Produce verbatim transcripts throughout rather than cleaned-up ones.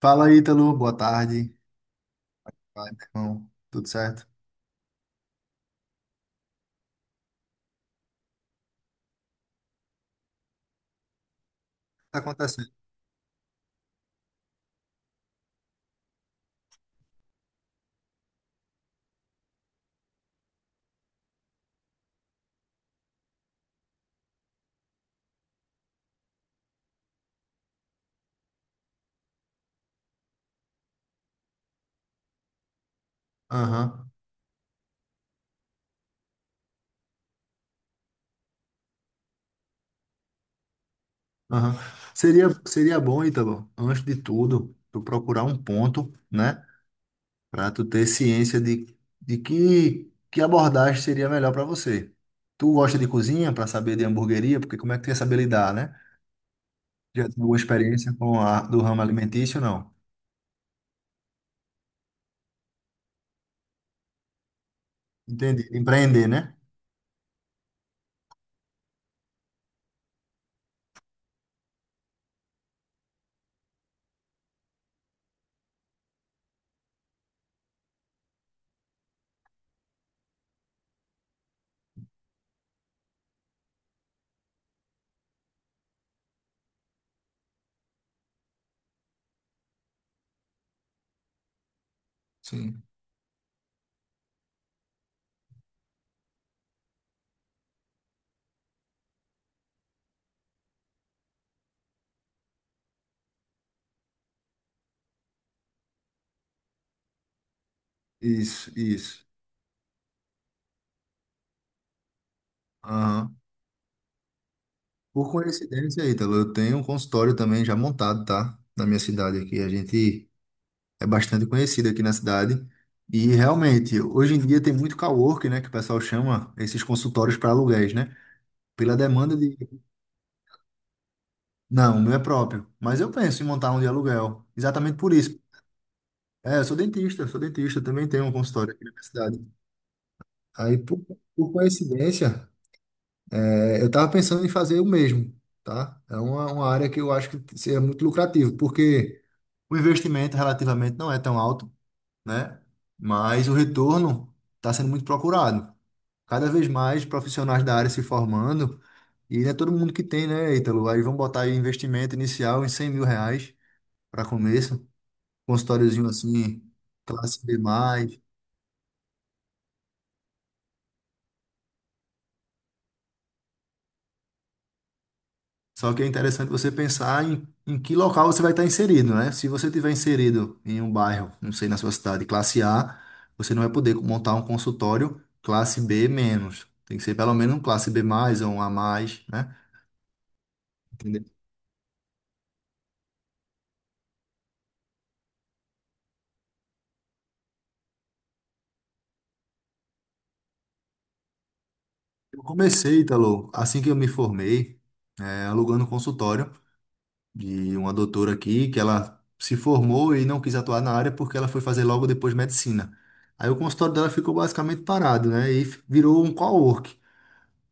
Fala, Ítalo. Boa tarde. Vai, meu irmão. Tudo certo? Tá acontecendo. Aham, aham. Seria, seria bom, Ítalo, antes de tudo, tu procurar um ponto, né? Pra tu ter ciência de, de que, que abordagem seria melhor pra você. Tu gosta de cozinha pra saber de hamburgueria? Porque como é que tu ia saber lidar, né? Já tem alguma experiência com a do ramo alimentício, não? Entendi. Empreender, né? Sim. Isso, isso. Aham. Por coincidência, Ítalo, eu tenho um consultório também já montado, tá? Na minha cidade aqui. A gente é bastante conhecido aqui na cidade. E realmente, hoje em dia tem muito coworking, né? Que o pessoal chama esses consultórios para aluguéis, né? Pela demanda de. Não, o meu é próprio. Mas eu penso em montar um de aluguel. Exatamente por isso. É, eu sou dentista, eu sou dentista, também tenho um consultório aqui na minha cidade. Aí, por, por coincidência, é, eu tava pensando em fazer o mesmo, tá? É uma, uma área que eu acho que seria muito lucrativo, porque. O investimento relativamente não é tão alto, né? Mas o retorno está sendo muito procurado. Cada vez mais profissionais da área se formando, e não é todo mundo que tem, né, Ítalo? Aí vão botar aí investimento inicial em cem mil reais para começo, consultóriozinho assim, classe B+. Só que é interessante você pensar em, em que local você vai estar inserido, né? Se você tiver inserido em um bairro, não sei, na sua cidade, classe A, você não vai poder montar um consultório classe B menos. Tem que ser pelo menos um classe B mais ou um A mais, né? Entendeu? Eu comecei, Italo, assim que eu me formei, é, alugando um consultório de uma doutora aqui, que ela se formou e não quis atuar na área porque ela foi fazer logo depois medicina. Aí o consultório dela ficou basicamente parado, né? E f- virou um co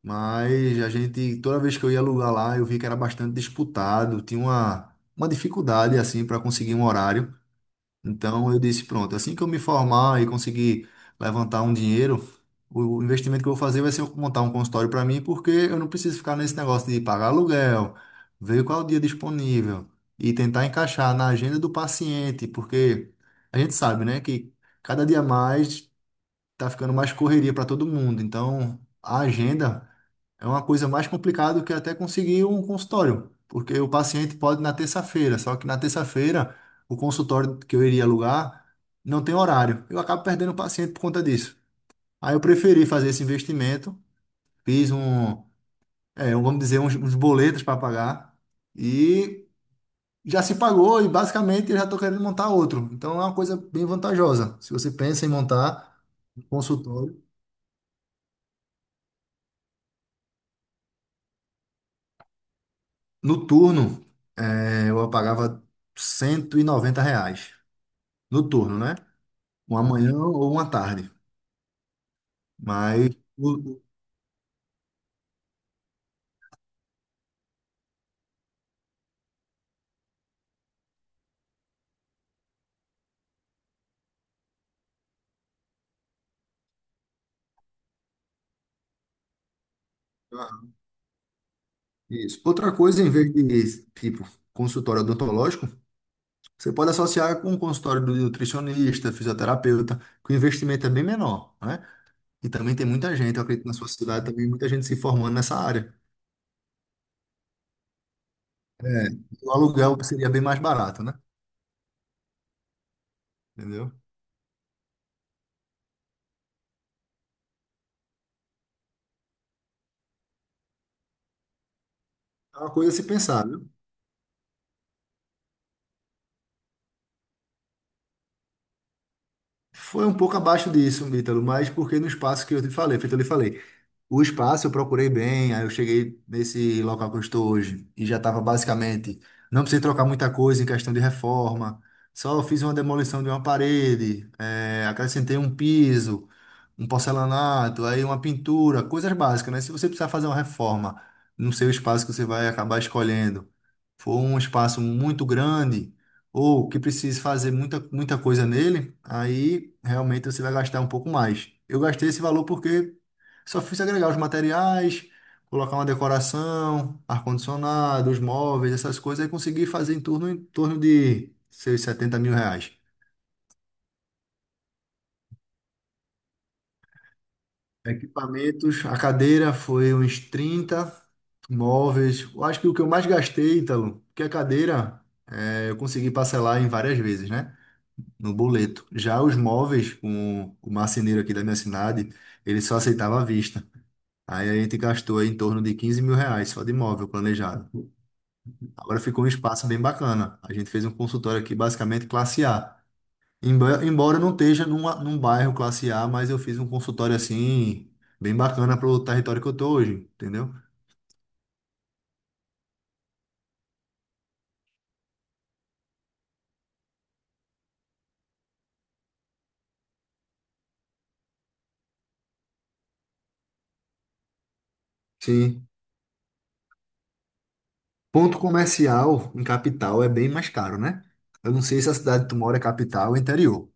Mas a gente, toda vez que eu ia alugar lá, eu vi que era bastante disputado, tinha uma, uma dificuldade assim para conseguir um horário. Então eu disse, pronto, assim que eu me formar e conseguir levantar um dinheiro, o o investimento que eu vou fazer vai ser eu montar um consultório para mim, porque eu não preciso ficar nesse negócio de pagar aluguel, ver qual é o dia disponível e tentar encaixar na agenda do paciente, porque a gente sabe, né, que cada dia mais tá ficando mais correria para todo mundo. Então, a agenda é uma coisa mais complicada do que até conseguir um consultório, porque o paciente pode ir na terça-feira, só que na terça-feira o consultório que eu iria alugar não tem horário. Eu acabo perdendo o paciente por conta disso. Aí eu preferi fazer esse investimento, fiz um, é, vamos dizer, uns, uns boletos para pagar e já se pagou e basicamente eu já estou querendo montar outro. Então é uma coisa bem vantajosa. Se você pensa em montar um consultório, no turno, é, eu pagava R$ cento e noventa reais. Noturno, né? Uma manhã ou uma tarde. Mas. o- o- ah, Isso. Outra coisa, em vez de, tipo, consultório odontológico, você pode associar com o consultório do nutricionista, fisioterapeuta, que o investimento é bem menor, né? E também tem muita gente, eu acredito, na sua cidade também, muita gente se formando nessa área. O aluguel seria bem mais barato, né? Entendeu? É uma coisa a se pensar, viu? Foi um pouco abaixo disso, Ítalo, mas porque no espaço que eu te falei, feito eu lhe falei, o espaço eu procurei bem, aí eu cheguei nesse local que eu estou hoje e já estava basicamente, não precisei trocar muita coisa em questão de reforma, só fiz uma demolição de uma parede, eh, acrescentei um piso, um porcelanato, aí uma pintura, coisas básicas, né? Se você precisar fazer uma reforma no seu espaço que você vai acabar escolhendo, for um espaço muito grande, ou que precise fazer muita, muita coisa nele, aí realmente você vai gastar um pouco mais. Eu gastei esse valor porque só fiz agregar os materiais, colocar uma decoração, ar-condicionado, os móveis, essas coisas, e consegui fazer em torno, em torno de seus setenta mil reais. Equipamentos, a cadeira foi uns trinta móveis. Eu acho que o que eu mais gastei, Ítalo, porque a cadeira eh, eu consegui parcelar em várias vezes, né? No boleto. Já os móveis, com o marceneiro aqui da minha cidade, ele só aceitava à vista. Aí a gente gastou aí em torno de quinze mil reais só de móvel planejado. Agora ficou um espaço bem bacana. A gente fez um consultório aqui basicamente classe A. Emba- Embora eu não esteja numa, num bairro classe A, mas eu fiz um consultório assim, bem bacana para o território que eu tô hoje, entendeu? Sim. Ponto comercial em capital é bem mais caro, né? Eu não sei se a cidade que tu mora é capital ou interior.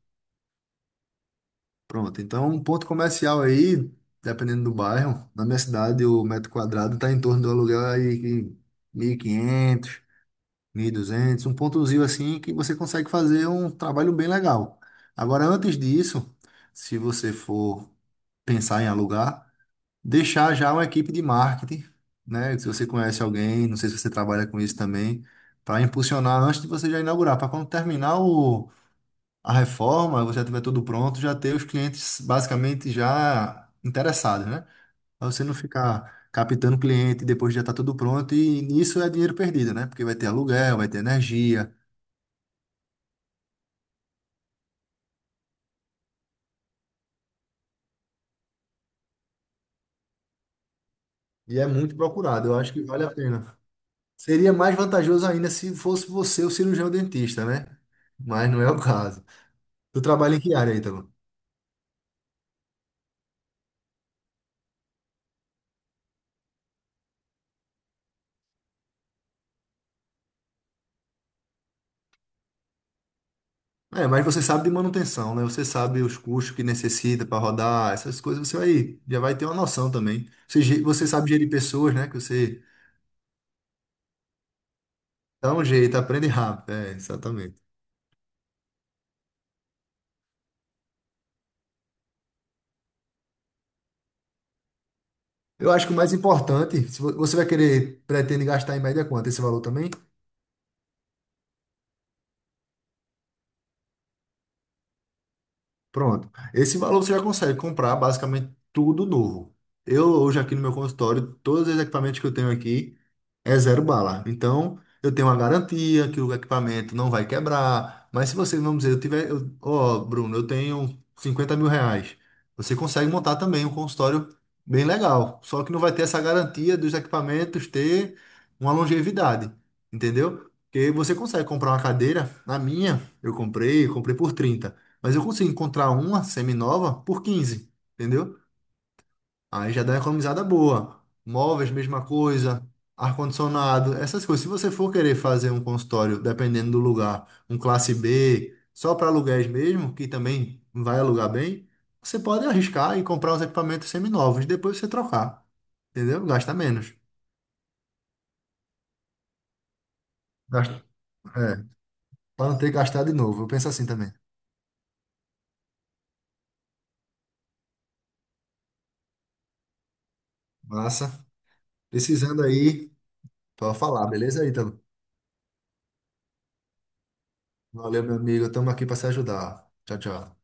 Pronto, então um ponto comercial aí, dependendo do bairro, na minha cidade o metro quadrado está em torno do aluguel aí que mil e quinhentos, mil e duzentos. Um pontozinho assim que você consegue fazer um trabalho bem legal. Agora, antes disso, se você for pensar em alugar, deixar já uma equipe de marketing, né? Se você conhece alguém, não sei se você trabalha com isso também, para impulsionar antes de você já inaugurar, para quando terminar o, a reforma, você já tiver tudo pronto, já ter os clientes basicamente já interessados, né? Para você não ficar captando cliente depois já está tudo pronto e isso é dinheiro perdido, né? Porque vai ter aluguel, vai ter energia e é muito procurado. Eu acho que vale a pena. Seria mais vantajoso ainda se fosse você o cirurgião dentista, né? Mas não é o caso. Tu trabalha em que área aí, Ítalo? É, mas você sabe de manutenção, né? Você sabe os custos que necessita para rodar, essas coisas, você vai, já vai ter uma noção também. Você, ge- você sabe gerir pessoas, né? Que você dá um jeito, aprende rápido. É, exatamente. Eu acho que o mais importante, se vo- você vai querer, pretende gastar em média quanto esse valor também? Pronto. Esse valor você já consegue comprar basicamente tudo novo. Eu hoje aqui no meu consultório, todos os equipamentos que eu tenho aqui é zero bala. Então, eu tenho uma garantia que o equipamento não vai quebrar. Mas se você, vamos dizer, eu tiver, eu- ó, Bruno, eu tenho cinquenta mil reais. Você consegue montar também um consultório bem legal. Só que não vai ter essa garantia dos equipamentos ter uma longevidade. Entendeu? Porque você consegue comprar uma cadeira. Na minha, eu comprei, comprei por trinta, mas eu consigo encontrar uma semi nova por quinze, entendeu? Aí já dá uma economizada boa. Móveis, mesma coisa. Ar-condicionado, essas coisas. Se você for querer fazer um consultório, dependendo do lugar, um classe B, só para aluguéis mesmo, que também vai alugar bem, você pode arriscar e comprar uns equipamentos semi novos, depois você trocar, entendeu? Gasta menos. Gasta, é, para não ter que gastar de novo. Eu penso assim também. Massa. Precisando aí, pode falar, beleza aí. Valeu, meu amigo. Estamos aqui para se ajudar. Tchau, tchau.